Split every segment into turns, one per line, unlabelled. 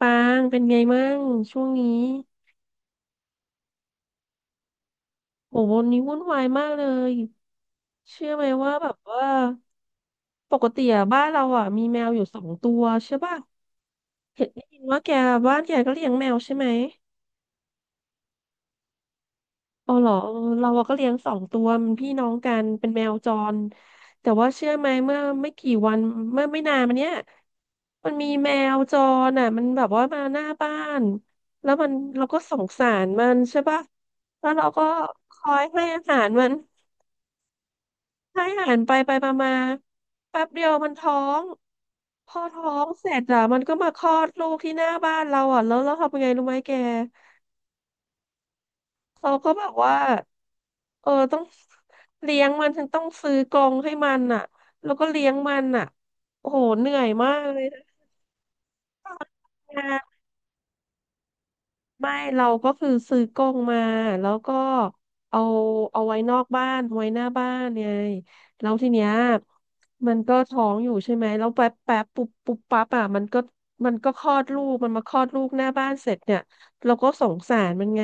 ปางเป็นไงมั่งช่วงนี้โหวันนี้วุ่นวายมากเลยเชื่อไหมว่าแบบว่าปกติอะบ้านเราอะมีแมวอยู่สองตัวใช่ป่ะเห็นได้ยินว่าแกบ้านแกก็เลี้ยงแมวใช่ไหมอ๋อเหรอเออเราอะก็เลี้ยงสองตัวมันพี่น้องกันเป็นแมวจรแต่ว่าเชื่อไหมเมื่อไม่กี่วันเมื่อไม่นานมาเนี้ยมันมีแมวจรอ่ะมันแบบว่ามาหน้าบ้านแล้วมันเราก็สงสารมันใช่ป่ะแล้วเราก็คอยให้อาหารมัน ให้อาหารไปไปมามาแป๊บเดียวมันท้อง พอท้องเสร็จอะมันก็มาคลอดลูกที่หน้าบ้านเราอ่ะ แล้วเราทำยังไงรู้ไหมแกเราก็แบบว่า เออ ต้องเลี้ยงมัน ฉันต้องซื้อกรงให้มันอะแล้วก็เลี้ยงมันอะโอ้โห เหนื่อยมากเลยนะ ไม่เราก็คือซื้อกรงมาแล้วก็เอาเอาไว้นอกบ้านไว้หน้าบ้านไงแล้วทีเนี้ยมันก็ท้องอยู่ใช่ไหมแล้วแป๊บแป๊บปุ๊บปุ๊บปั๊บอ่ะมันก็คลอดลูกมันมาคลอดลูกหน้าบ้านเสร็จเนี่ยเราก็สงสารมันไง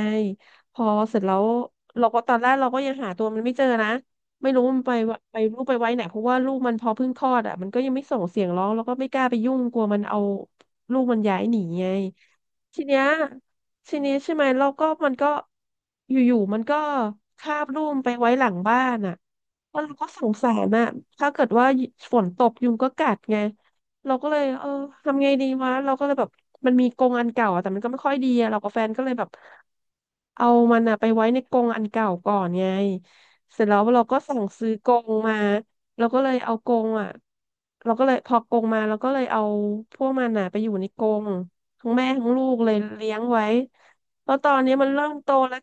พอเสร็จแล้วเราก็ตอนแรกเราก็ยังหาตัวมันไม่เจอนะไม่รู้มันไปวาไปลูกไปไว้ไหนเพราะว่าลูกมันพอเพิ่งคลอดอ่ะมันก็ยังไม่ส่งเสียงร้องแล้วก็ไม่กล้าไปยุ่งกลัวมันเอาลูกมันย้ายหนีไง ทีเนี้ยทีนี้ใช่ไหมเราก็มันก็อยู่ๆมันก็คาบลูกไปไว้หลังบ้านอ่ะแล้วเราก็สงสารอ่ะถ้าเกิดว่าฝนตกยุงก็กัดไงเราก็เลยเออทำไงดีวะเราก็เลยแบบมันมีกรงอันเก่าอะแต่มันก็ไม่ค่อยดีอะเรากับแฟนก็เลยแบบเอามันอะไปไว้ในกรงอันเก่าก่อนไงเสร็จแล้วเราก็สั่งซื้อกรงมาเราก็เลยเอากรงอ่ะเราก็เลยพอกรงมาเราก็เลยเอาพวกมันอ่ะไปอยู่ในกรง ทั้งแม่ทั้งลูกเลยเลี้ยงไว้แล้วตอนนี้มันเริ่มโตแล้ว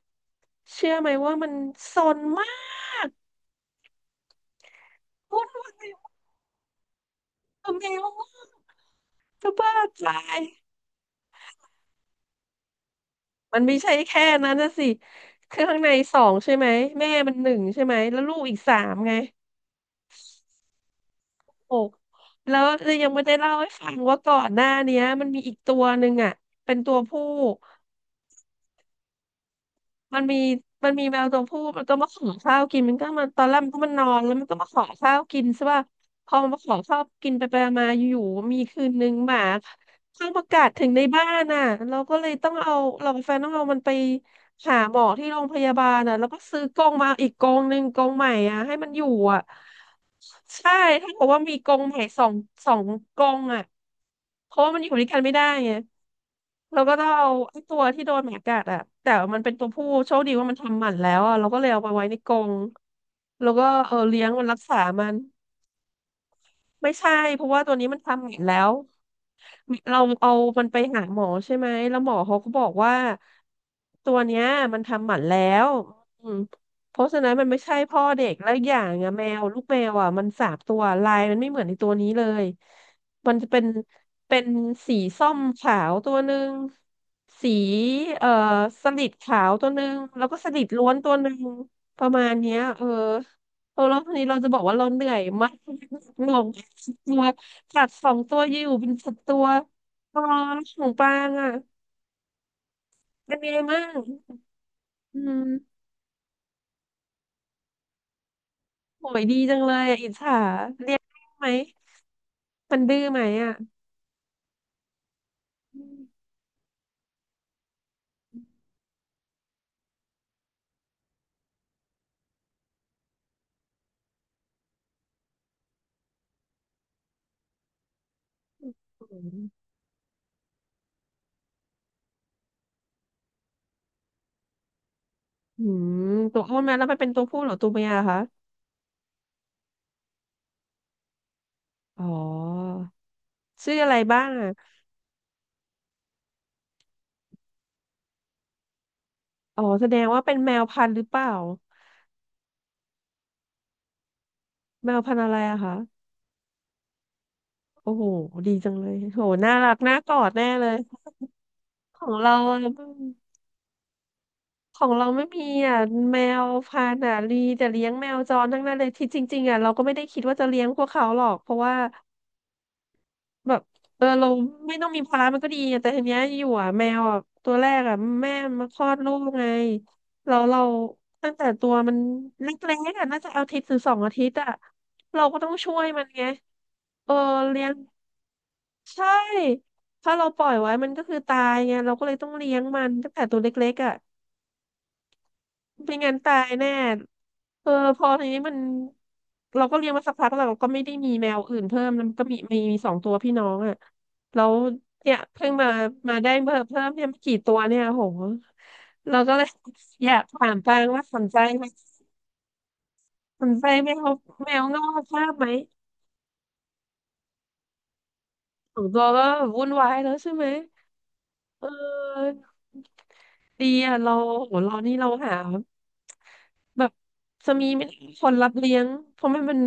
เชื่อไหมว่ามันซนมากวุ่นวายกับแมวมากจะบ้าตายมันไม่ใช่แค่นั้นนะสิคือข้างในสองใช่ไหมแม่มันหนึ่งใช่ไหมแล้วลูกอีกสามไงโอ้แล้วยังไม่ได้เล่าให้ฟังว่าก่อนหน้าเนี้ยมันมีอีกตัวหนึ่งอ่ะเป็นตัวผู้ มันมีมันมีแมวตัวผู้มันก็มาขอข้าวกินมันก็มันตอนแรกมันก็มันนอนแล้วมันก็มาขอข้าวกินใช่ป่ะพอมันมาขอข้าวกินไปไปมาอยู่ๆมีคืนนึงหมา เทองประกาศถึงในบ้านอ่ะเราก็เลยต้องเอาเรากับแฟนต้องเอามันไปหาหมอที่โรงพยาบาลอ่ะแล้วก็ซื้อกองมาอีกกองหนึ่งกองใหม่อ่ะให้มันอยู่อ่ะใช่ถ้าบอกว่ามีกองใหม่สองสองกองอ่ะเพราะว่ามันอยู่ด้วยกันไม่ได้ไงเราก็ต้องเอาไอ้ตัวที่โดนหมากัดอ่ะแต่มันเป็นตัวผู้โชคดีว่ามันทำหมันแล้วอ่ะเราก็เลยเอาไปไว้ในกรงแล้วก็เออเลี้ยงมันรักษามันไม่ใช่เพราะว่าตัวนี้มันทำหมันแล้ว เราเอามันไปหาหมอใช่ไหมแล้วหมอเขาก็บอกว่าตัวเนี้ยมันทำหมันแล้วอืมเพราะฉะนั้นมันไม่ใช่พ่อเด็กแล้วอกอย่างอะแมวลูกแมวอ่ะมันสามตัวลายมันไม่เหมือนในตัวนี้เลย มันจะเป็นเป็นสีส้มขาวตัวหนึ่งสีเอ่อสลิดขาวตัวหนึ่งแล้วก็สลิดล้วนตัวหนึ่งประมาณเนี้ยเออเออแล้วทีนี้เราจะบอกว่าเราเหนื่อยมาก งง สัตว์สองตัวอยู่เป็นสัตว์ตัวอ๋อของปางอ่ะเป็นไงมั่งอืมโหยดีจังเลยอ่ะอิจฉาเลี้ยงได้ไหมมันดื้อไหมอ่ะอืมอืมตัวอ้วนไหมแล้วมันเป็นตัวผู้เหรือตัวเมียเหรอคะอ๋อชื่ออะไรบ้างอ่ะอ๋อแสดงว่าเป็นแมวพันธุ์หรือเปล่าแมวพันธุ์อะไรอะคะโอ้โหดีจังเลยโหน่ารักน่ากอดแน่เลยของเราอะ ของเราไม่มีอ่ะแมวพันธุ์ลีแต่เลี้ยงแมวจรทั้งนั้นเลยที่จริงๆอ่ะเราก็ไม่ได้คิดว่าจะเลี้ยงพวกเขาหรอกเพราะว่าแบบเออเราไม่ต้องมีภาระมันก็ดีอะแต่ทีเนี้ยอยู่อ่ะแมวอ่ะตัวแรกอ่ะแม่มาคลอดลูกไงเราตั้งแต่ตัวมันเล็กๆอ่ะน่าจะอาทิตย์หรือสองอาทิตย์อ่ะเราก็ต้องช่วยมันไงเออเลี้ยงใช่ถ้าเราปล่อยไว้มันก็คือตายไงเราก็เลยต้องเลี้ยงมันตั้งแต่ตัวเล็กๆอ่ะ ไม่งั้นตายแน่เออพอทีนี้เราก็เลี้ยงมาสักพักแล้วเราก็ไม่ได้มีแมวอื่นเพิ่มแล้วมันก็มีสองตัวพี่น้องอ่ะแล้วเนี่ยเพิ่งมามาได้เพิ่มเนี่ยไม่กี่ตัวเนี่ยโหเราก็เลย อยากถามปางว่าสนใจไหมสนใจแมวแมวงอกภาพไหมสองตัวก็วุ่นวายแล้วใช่ไหมเออดีอ่ะเราโหเรานี่เราหาแบบจะมีคนรับเลี้ยงเพราะไม่เป็น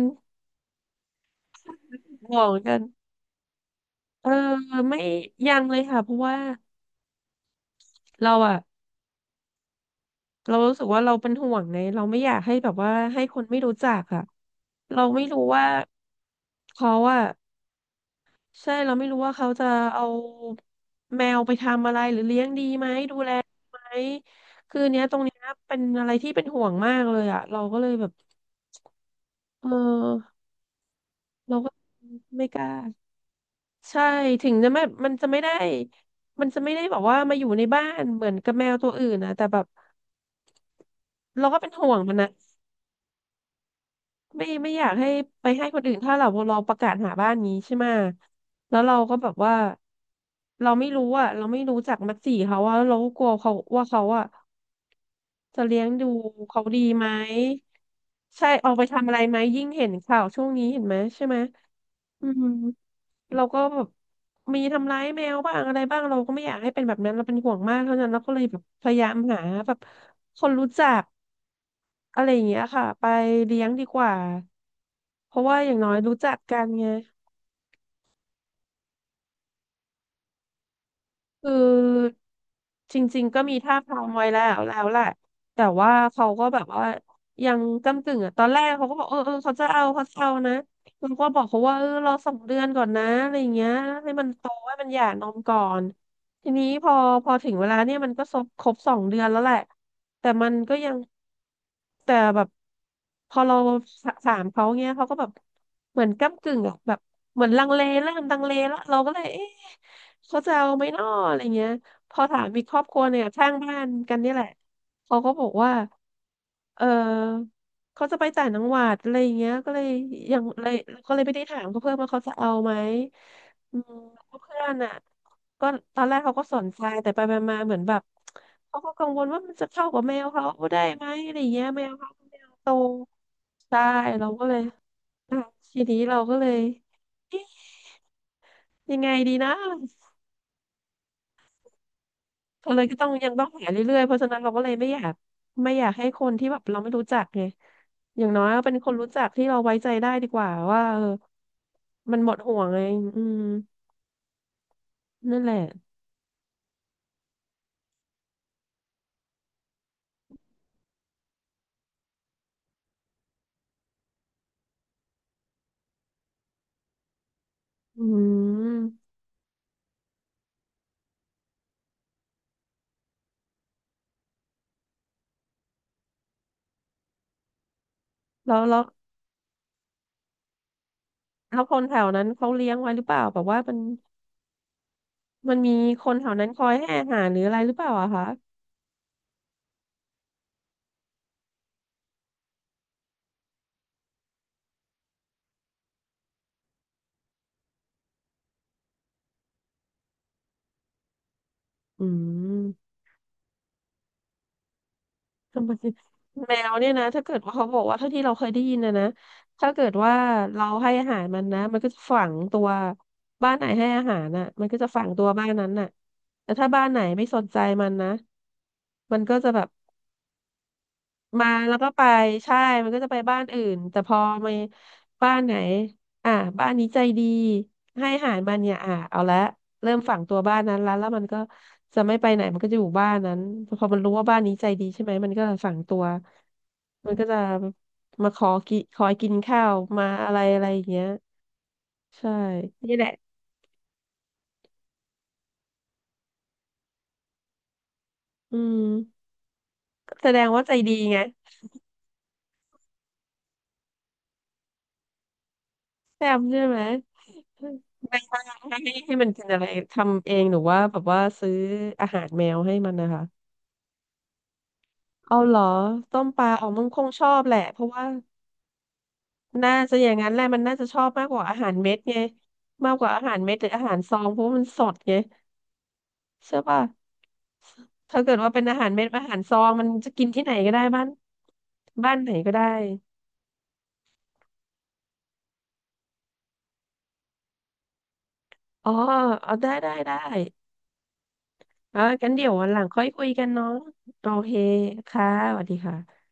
ห่วงกัน เออไม่ยังเลยค่ะเพราะว่าเราอะเรารู้สึกว่าเราเป็นห่วงไงเราไม่อยากให้แบบว่าให้คนไม่รู้จักอะเราไม่รู้ว่าเขาอะใช่เราไม่รู้ว่าเขาจะเอาแมวไปทำอะไรหรือเลี้ยงดีไหมดูแลไหมคือเนี้ยตรงเนี้ยเป็นอะไรที่เป็นห่วงมากเลยอะเราก็เลยแบบเออเราก็ไม่กล้าใช่ถึงจะไม่มันจะไม่ได้แบบว่ามาอยู่ในบ้านเหมือนกับแมวตัวอื่นนะแต่แบบ เราก็เป็นห่วงมันนะไม่อยากให้ไปให้คนอื่นถ้าเราประกาศหาบ้านนี้ใช่ไหมแล้วเราก็แบบว่าเราไม่รู้อะเราไม่รู้จักมัดสีเขาว่าเราก็กลัวเขาว่าเขาอะจะเลี้ยงดูเขาดีไหมใช่เอาไปทำอะไรไหมยิ่งเห็นข่าวช่วงนี้เห็นไหมใช่ไหมอืมเราก็แบบมีทำร้ายแมวบ้างอะไรบ้างเราก็ไม่อยากให้เป็นแบบนั้นเราเป็นห่วงมากเท่านั้นเราก็เลยแบบพยายามหาแบบคนรู้จัก อะไรอย่างเงี้ยค่ะไปเลี้ยงดีกว่าเพราะว่าอย่างน้อยรู้จักกันไงคือจริงๆก็มีท่าบทางไว้แล้วแล้วแหละแต่ว่าเขาก็แบบว่ายังก้ำกึ่งอ่ะตอนแรกเขาก็บอกเออเขาจะเอาเขาจะเอานะเราก็บอกเขาว่าเออรอสองเดือนก่อนนะอะไรอย่างเงี้ยให้มันโตให้มันหย่านมก่อน ทีนี้พอถึงเวลาเนี่ยมันก็ครบสองเดือนแล้วแหละแต่มันก็ยังแต่แบบพอเราสถามเขาเงี้ยเขาก็แบบเหมือนก้ำกึ่งอะแบบเหมือนลังเลเริ่มลังเลแล้วเราก็เลยเอ๊ะเขาจะเอาไหมน้ออะไรเงี้ยพอถามอีกครอบครัวเนี่ยข้างบ้านกันนี่แหละเขาก็บอกว่าเออเขาจะไปต่างจังหวัดอะไรอย่างเงี้ยก็เลยยังเลยก็เลยไม่ได้ถามเขาเพิ่มว่าเขาจะเอาไหมอืมเพื่อนอ่ะ ก็ตอนแรกเขาก็สนใจแต่ไปไมาๆเหมือนแบบเขาก็กังวลว่ามันจะเข้ากับแมวเขาได้ไหมอะไรเงี้ยแมวเขาเป็นแมวโตใช่เราก็เลยอ่ะทีนี้เราก็เลยเอ๊ะยังไงดีนะเราเลยก็ต้องยังต้องหาเรื่อยๆเพราะฉะนั้นเราก็เลยไม่อยากให้คนที่แบบเราไม่รู้จักไงอย่างน้อยก็เป็นคนรู้จักที่เราไว้ใจได้ดีกว่าว่าเออมันหมดห่วงไงอืมนั่นแหละอืมแล้วแล้วแล้วคนแถวนั้นเขาเลี้ยงไว้หรือเปล่าแบบว่ามัน มันมีคนแถวนั้นคอยให้อาหารหรืออะไรหรือเปล่าอะคะอืมทำไมแมวเนี่ยนะถ้าเกิดว่าเขาบอกว่าเท่าที่เราเคยได้ยินนะถ้าเกิดว่าเราให้อาหารมันนะมันก็จะฝังตัวบ้านไหนให้อาหารน่ะมันก็จะฝังตัวบ้านนั้นน่ะแต่ถ้าบ้านไหนไม่สนใจมันนะมันก็จะแบบ มาแล้วก็ไปใช่มันก็จะไปบ้านอื่นแต่พอมาบ้านไหนอ่ะบ้านนี้ใจดีให้อาหารมันเนี่ยอ่ะเอาละเริ่มฝังตัวบ้านนั้นแล้วแล้วมันก็จะไม่ไปไหนมันก็จะอยู่บ้านนั้นพอมันรู้ว่าบ้านนี้ใจดีใช่ไหมมันก็จะฝังตัวมันก็จะมาขอกินข้าวมาอะไรอะไรอย่างเงี้ยใช่นี่แหละอืมแสดงว่าใจดีไงแซมใช่ไหม ไม่ว่ให้ให้มันกินอะไรทำเองหรือว่าแบบว่าซื้ออาหารแมวให้มันนะคะเอาเหรอต้มปลาอ๋อมันคงชอบแหละเพราะว่าน่าจะอย่างนั้นแหละมันน่าจะชอบมากกว่าอาหารเม็ดไงมากกว่าอาหารเม็ดหรืออาหารซองเพราะว่ามันสดไงใช่ป่ะถ้าเกิดว่าเป็นอาหารเม็ดอาหารซองมันจะกินที่ไหนก็ได้บ้านบ้านไหนก็ได้อ๋อเอาได้อ่ะกันเดี๋ยววันหลังค่อยคุยกันเนาะโอเคค่ะสวัสดีค่ะ